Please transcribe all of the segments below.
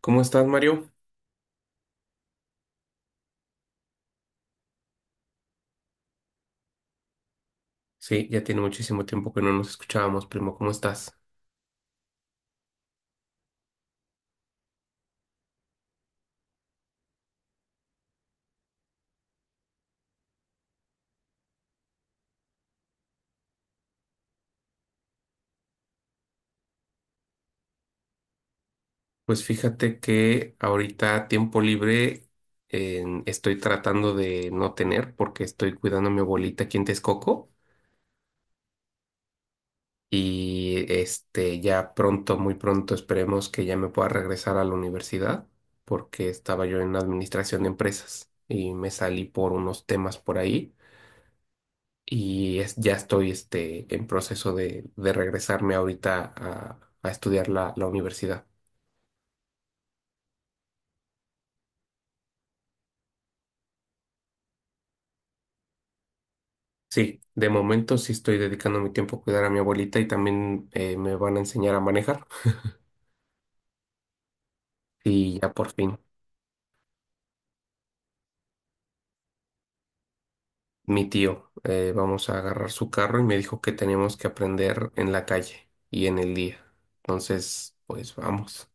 ¿Cómo estás, Mario? Sí, ya tiene muchísimo tiempo que no nos escuchábamos, primo. ¿Cómo estás? Pues fíjate que ahorita a tiempo libre estoy tratando de no tener porque estoy cuidando a mi abuelita aquí en Texcoco y este ya pronto, muy pronto esperemos que ya me pueda regresar a la universidad porque estaba yo en administración de empresas y me salí por unos temas por ahí y ya estoy este, en proceso de regresarme ahorita a estudiar la universidad. Sí, de momento sí estoy dedicando mi tiempo a cuidar a mi abuelita y también me van a enseñar a manejar. Y ya por fin, mi tío, vamos a agarrar su carro y me dijo que tenemos que aprender en la calle y en el día. Entonces, pues vamos.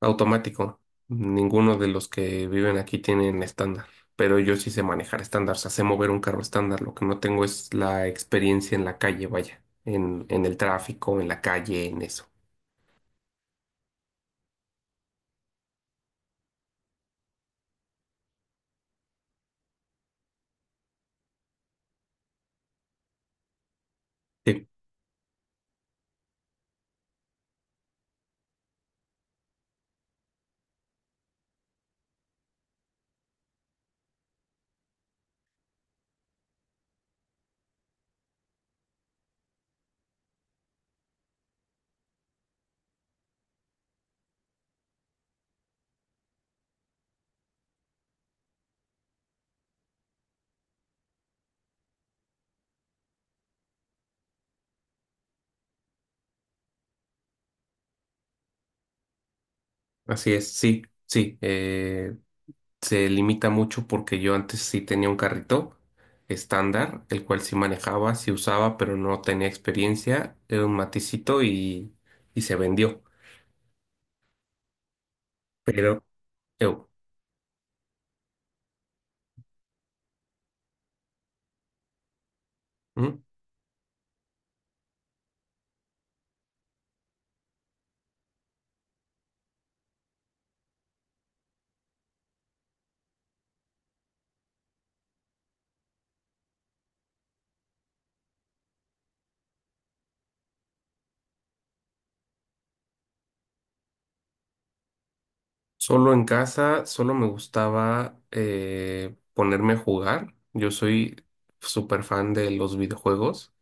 Automático. Ninguno de los que viven aquí tienen estándar, pero yo sí sé manejar estándar, o sea, sé mover un carro estándar. Lo que no tengo es la experiencia en la calle, vaya, en el tráfico, en la calle, en eso. Sí, así es, sí, sí. Se limita mucho porque yo antes sí tenía un carrito estándar, el cual sí manejaba, sí usaba, pero no tenía experiencia. Era un maticito y se vendió. Pero, eu, ¿mm? Solo en casa, solo me gustaba ponerme a jugar. Yo soy súper fan de los videojuegos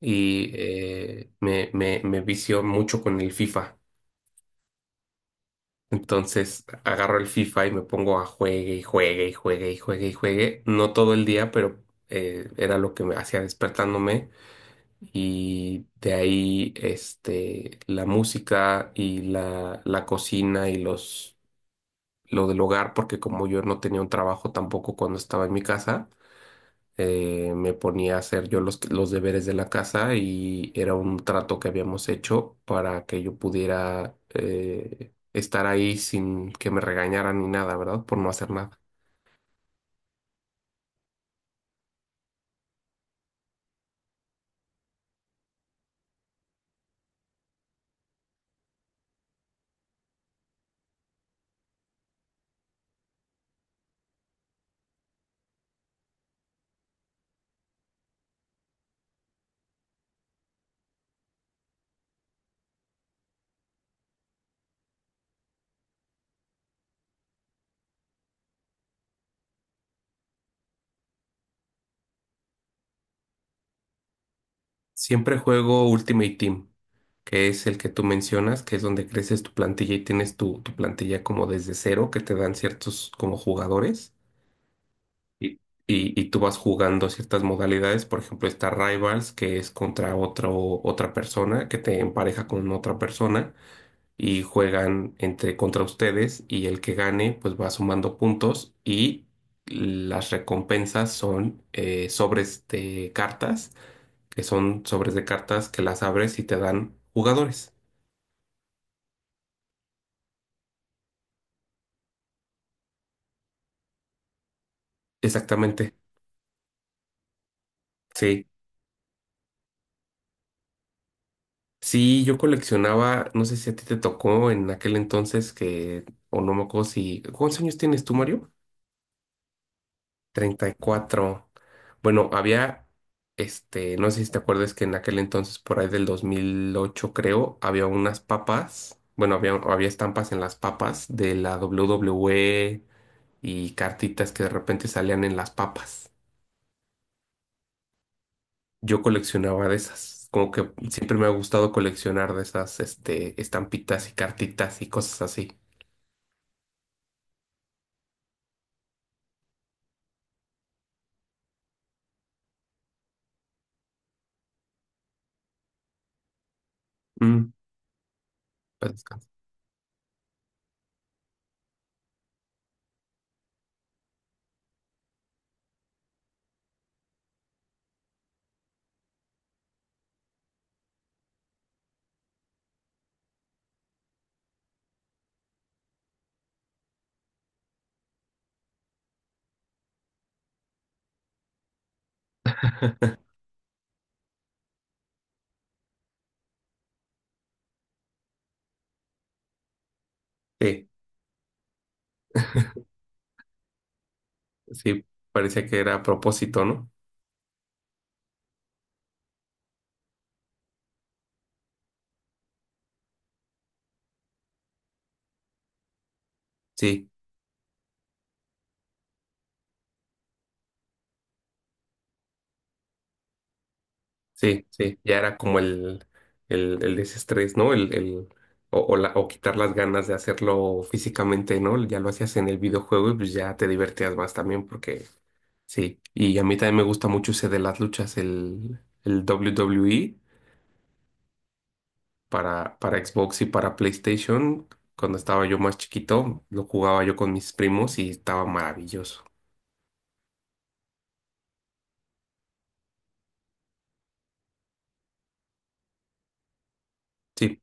y me vicio mucho con el FIFA. Entonces agarro el FIFA y me pongo a juegue y juegue y juegue y juegue y juegue. No todo el día, pero era lo que me hacía despertándome. Y de ahí este, la música y la cocina y los lo del hogar, porque como yo no tenía un trabajo tampoco cuando estaba en mi casa, me ponía a hacer yo los deberes de la casa y era un trato que habíamos hecho para que yo pudiera estar ahí sin que me regañaran ni nada, ¿verdad? Por no hacer nada. Siempre juego Ultimate Team, que es el que tú mencionas, que es donde creces tu plantilla y tienes tu plantilla como desde cero, que te dan ciertos como jugadores. Y, y tú vas jugando ciertas modalidades, por ejemplo, está Rivals, que es contra otro, otra persona, que te empareja con otra persona y juegan entre contra ustedes y el que gane pues va sumando puntos y las recompensas son sobres de cartas, que son sobres de cartas que las abres y te dan jugadores. Exactamente. Sí. Sí, yo coleccionaba, no sé si a ti te tocó en aquel entonces que, o no me acuerdo si, ¿cuántos años tienes tú, Mario? 34. Bueno, había, este, no sé si te acuerdas que en aquel entonces, por ahí del 2008 creo, había unas papas, bueno, había estampas en las papas de la W WWE y cartitas que de repente salían en las papas. Yo coleccionaba de esas, como que siempre me ha gustado coleccionar de esas, este, estampitas y cartitas y cosas así. Mm, paz descanse. Sí, sí, parecía que era a propósito, ¿no? Sí, sí, sí, ya era como el desestrés, ¿no? O, o, o quitar las ganas de hacerlo físicamente, ¿no? Ya lo hacías en el videojuego y pues ya te divertías más también porque sí. Y a mí también me gusta mucho ese de las luchas, el WWE para Xbox y para PlayStation. Cuando estaba yo más chiquito, lo jugaba yo con mis primos y estaba maravilloso. Sí.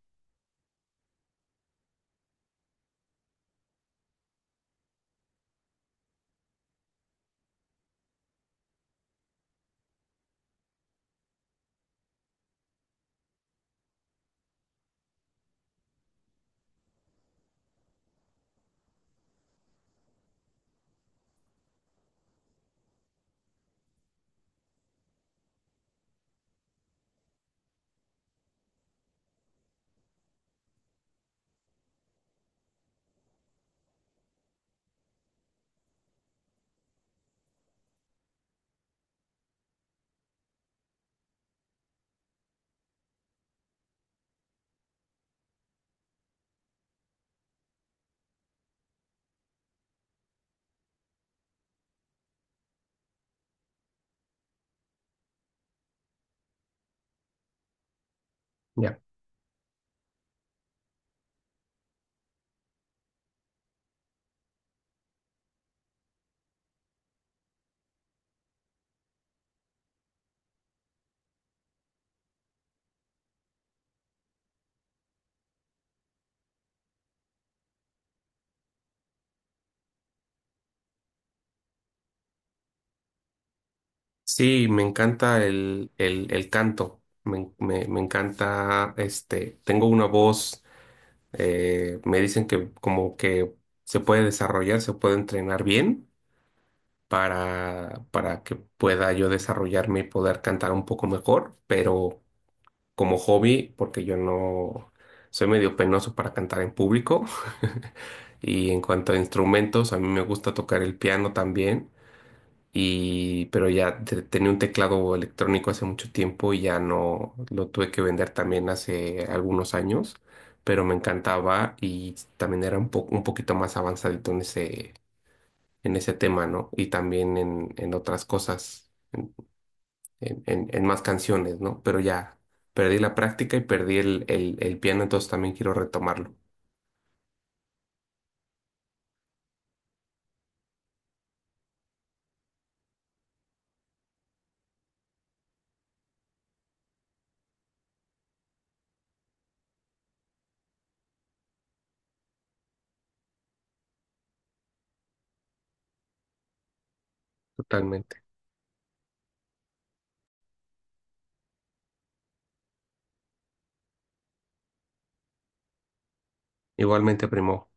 Ya. Sí, me encanta el canto, me encanta, este, tengo una voz, me dicen que como que se puede desarrollar, se puede entrenar bien para que pueda yo desarrollarme y poder cantar un poco mejor, pero como hobby, porque yo no soy medio penoso para cantar en público. Y en cuanto a instrumentos, a mí me gusta tocar el piano también y pero ya tenía un teclado electrónico hace mucho tiempo y ya no lo tuve que vender también hace algunos años, pero me encantaba y también era un poco un poquito más avanzadito en ese tema, ¿no? Y también en otras cosas, en, en más canciones, ¿no? Pero ya perdí la práctica y perdí el piano, entonces también quiero retomarlo. Totalmente. Igualmente, primo.